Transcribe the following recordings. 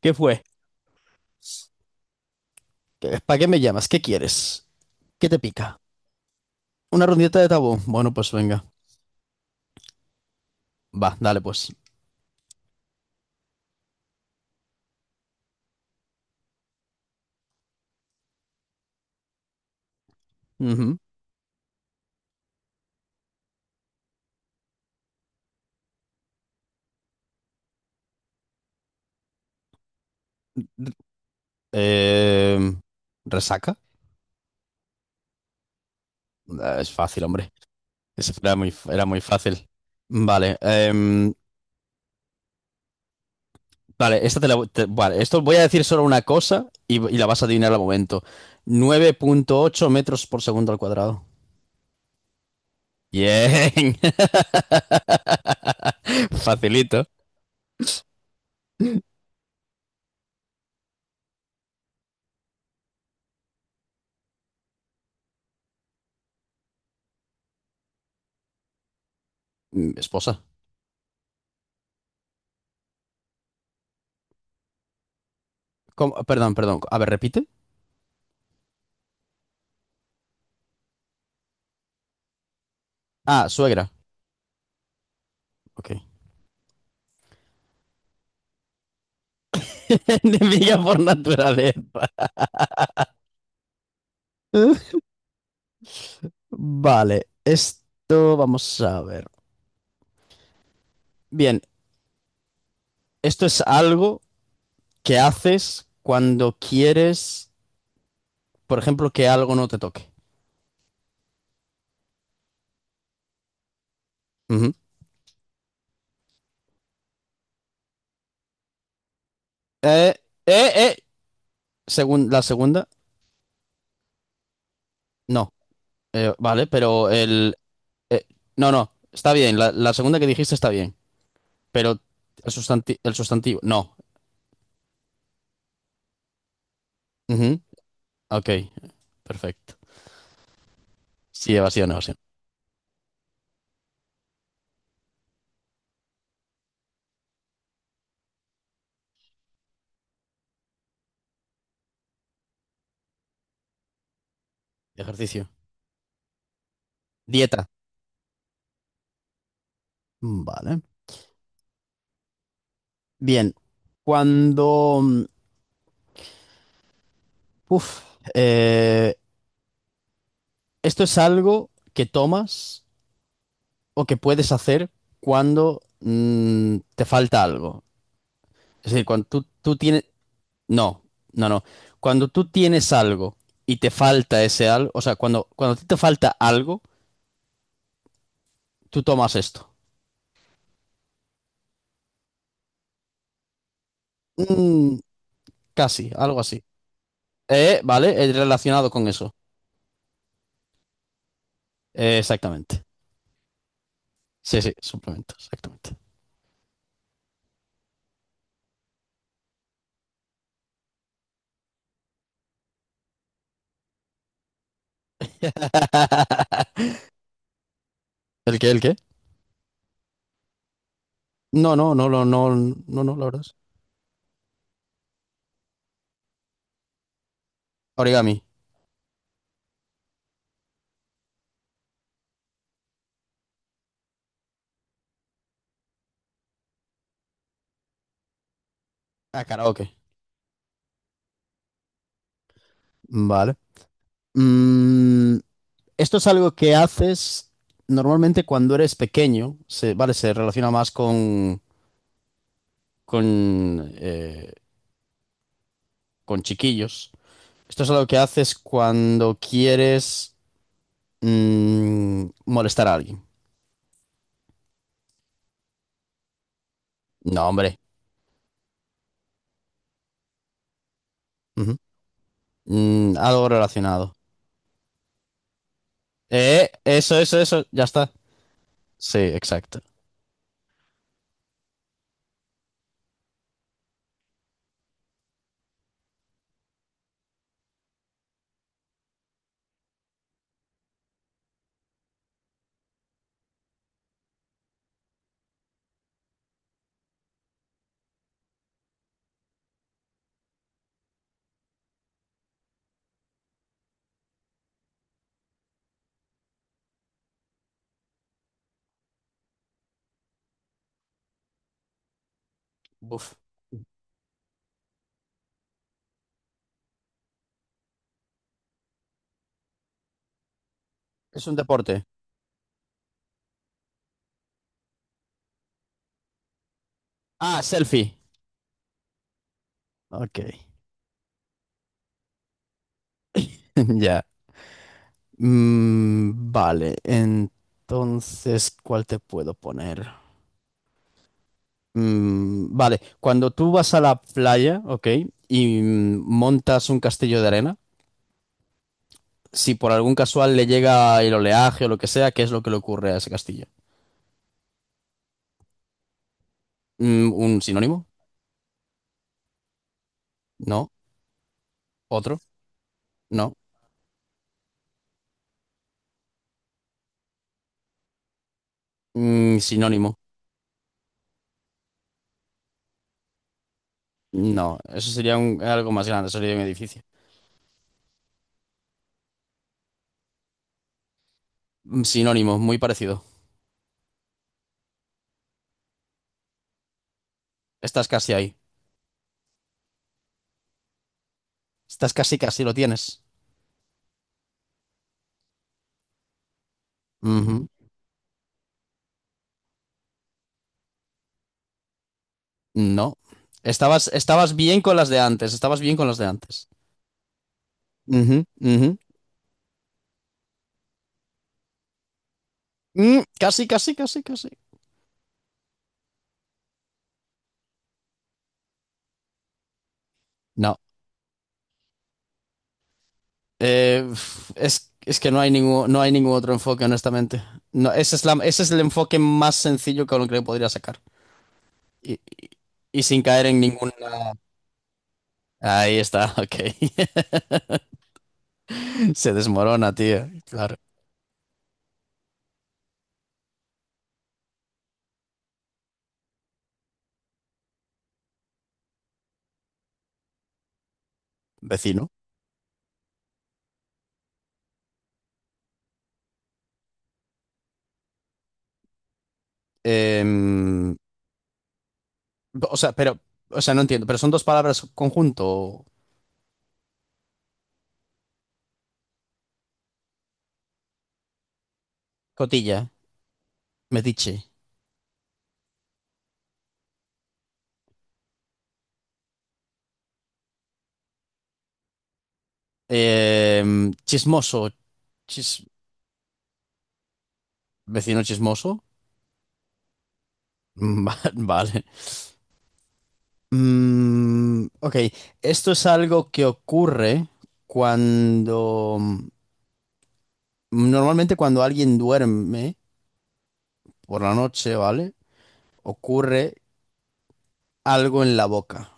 ¿Qué fue? ¿Para qué me llamas? ¿Qué quieres? ¿Qué te pica? ¿Una rondita de tabú? Bueno, pues venga. Va, dale pues. Ujú. Em, ¿Resaca? Ah, es fácil, hombre. Ese era muy fácil. Vale. Vale, esta te la, voy- te- vale, esto voy a decir solo una cosa y la vas a adivinar al momento. 9,8 m/s². Bien. Facilito. Esposa. ¿Cómo? Perdón, perdón. A ver, repite. Ah, suegra. Ok. Enemiga por naturaleza. Vale, esto vamos a ver. Bien, esto es algo que haces cuando quieres, por ejemplo, que algo no te toque. Ujú. Eh, eh, eh. La segunda, no. Vale, pero el. eh, no, no, está bien. La segunda que dijiste está bien. Pero el sustantivo, no. Ujú, ok, perfecto. Sí, evasión, evasión. Ejercicio. Dieta. Vale. Bien, cuando... mm, Uf, eh, esto es algo que tomas o que puedes hacer cuando te falta algo. Es decir, cuando tú tienes. No, no, no. Cuando tú tienes algo y te falta ese algo, o sea, cuando a ti te falta algo, tú tomas esto. Mm, Casi, algo así. Vale, es relacionado con eso. Exactamente. Sí, sí, suplemento, exactamente. ¿El qué, el qué? No, no, no, no, no, no, no, la verdad. Origami. Ah, karaoke. Vale. Mm, Esto es algo que haces normalmente cuando eres pequeño. Vale, se relaciona más con, eh, con chiquillos. Esto es algo que haces cuando quieres molestar a alguien. No, hombre. Ujú. Algo relacionado. Eso, eso, eso. Ya está. Sí, exacto. Buf. Es un deporte. Ah, selfie. Ok. Ya. Vale, entonces, ¿cuál te puedo poner? Vale, cuando tú vas a la playa, ¿ok? Y montas un castillo de arena, si por algún casual le llega el oleaje o lo que sea, ¿qué es lo que le ocurre a ese castillo? ¿Un sinónimo? No. ¿Otro? No. Sinónimo. No, eso sería algo más grande, sería un edificio. Sinónimo, muy parecido. Estás casi ahí. Estás casi, casi lo tienes. No. Estabas bien con las de antes, estabas bien con las de antes. Ujú, ujú. Casi, casi, casi, casi. No. Es que no hay ningún otro enfoque, honestamente. No, ese es el enfoque más sencillo con el que lo podría sacar. Y, y- y sin caer en ninguna. Ahí está, ok. Se desmorona, tío. Claro. Vecino. Em, o sea, pero. O sea, no entiendo. ¿Pero son dos palabras conjunto? Cotilla. Mediche. Eh, Chismoso. Chis- Vecino chismoso. Vale. Ok, esto es algo que ocurre cuando. Normalmente cuando alguien duerme por la noche, ¿vale? Ocurre algo en la boca.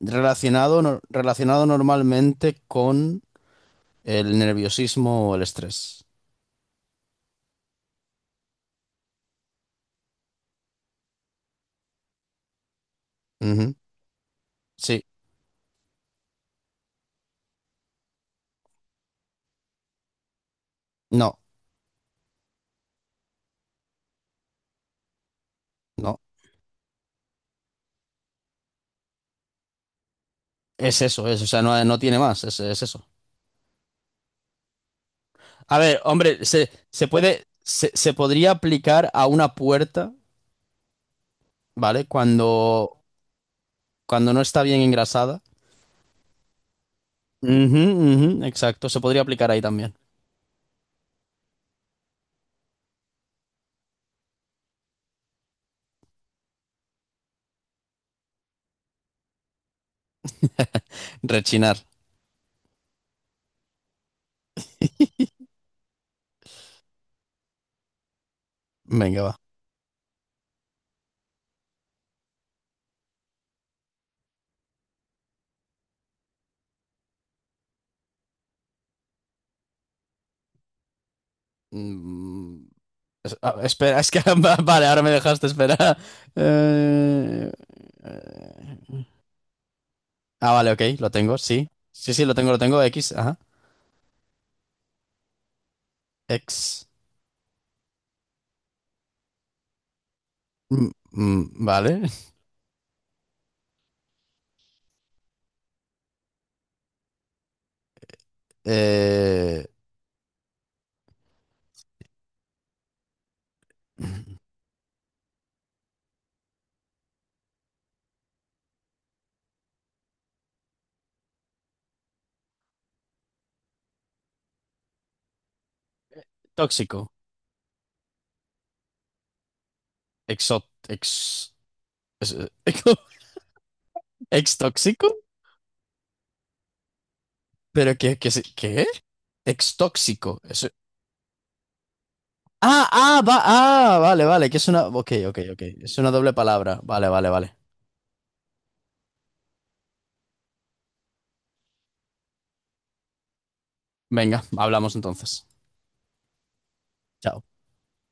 Relacionado, relacionado normalmente con el nerviosismo o el estrés. Ujú. Sí, no, no. Es eso, o sea, no, no tiene más, es eso. A ver, hombre, se puede, se podría aplicar a una puerta, ¿vale? Cuando no está bien engrasada. Ujú, ujú, exacto, se podría aplicar ahí también. Rechinar. Venga, va. Mm, Espera, es que vale, ahora me dejaste esperar. Eh, eh, ah, vale, ok, lo tengo, sí. Sí, sí, lo tengo, lo tengo. X, ajá. X. Vale. Eh, Tóxico. Exot. Ex. es- ¿Ex tóxico? ¿Pero qué? ¿Ex tóxico? Eso. Ah, ah, va, ah, vale, vale, que es una. Ok, ok, ok. Es una doble palabra. Vale, vale, vale. Venga, hablamos entonces. Chao.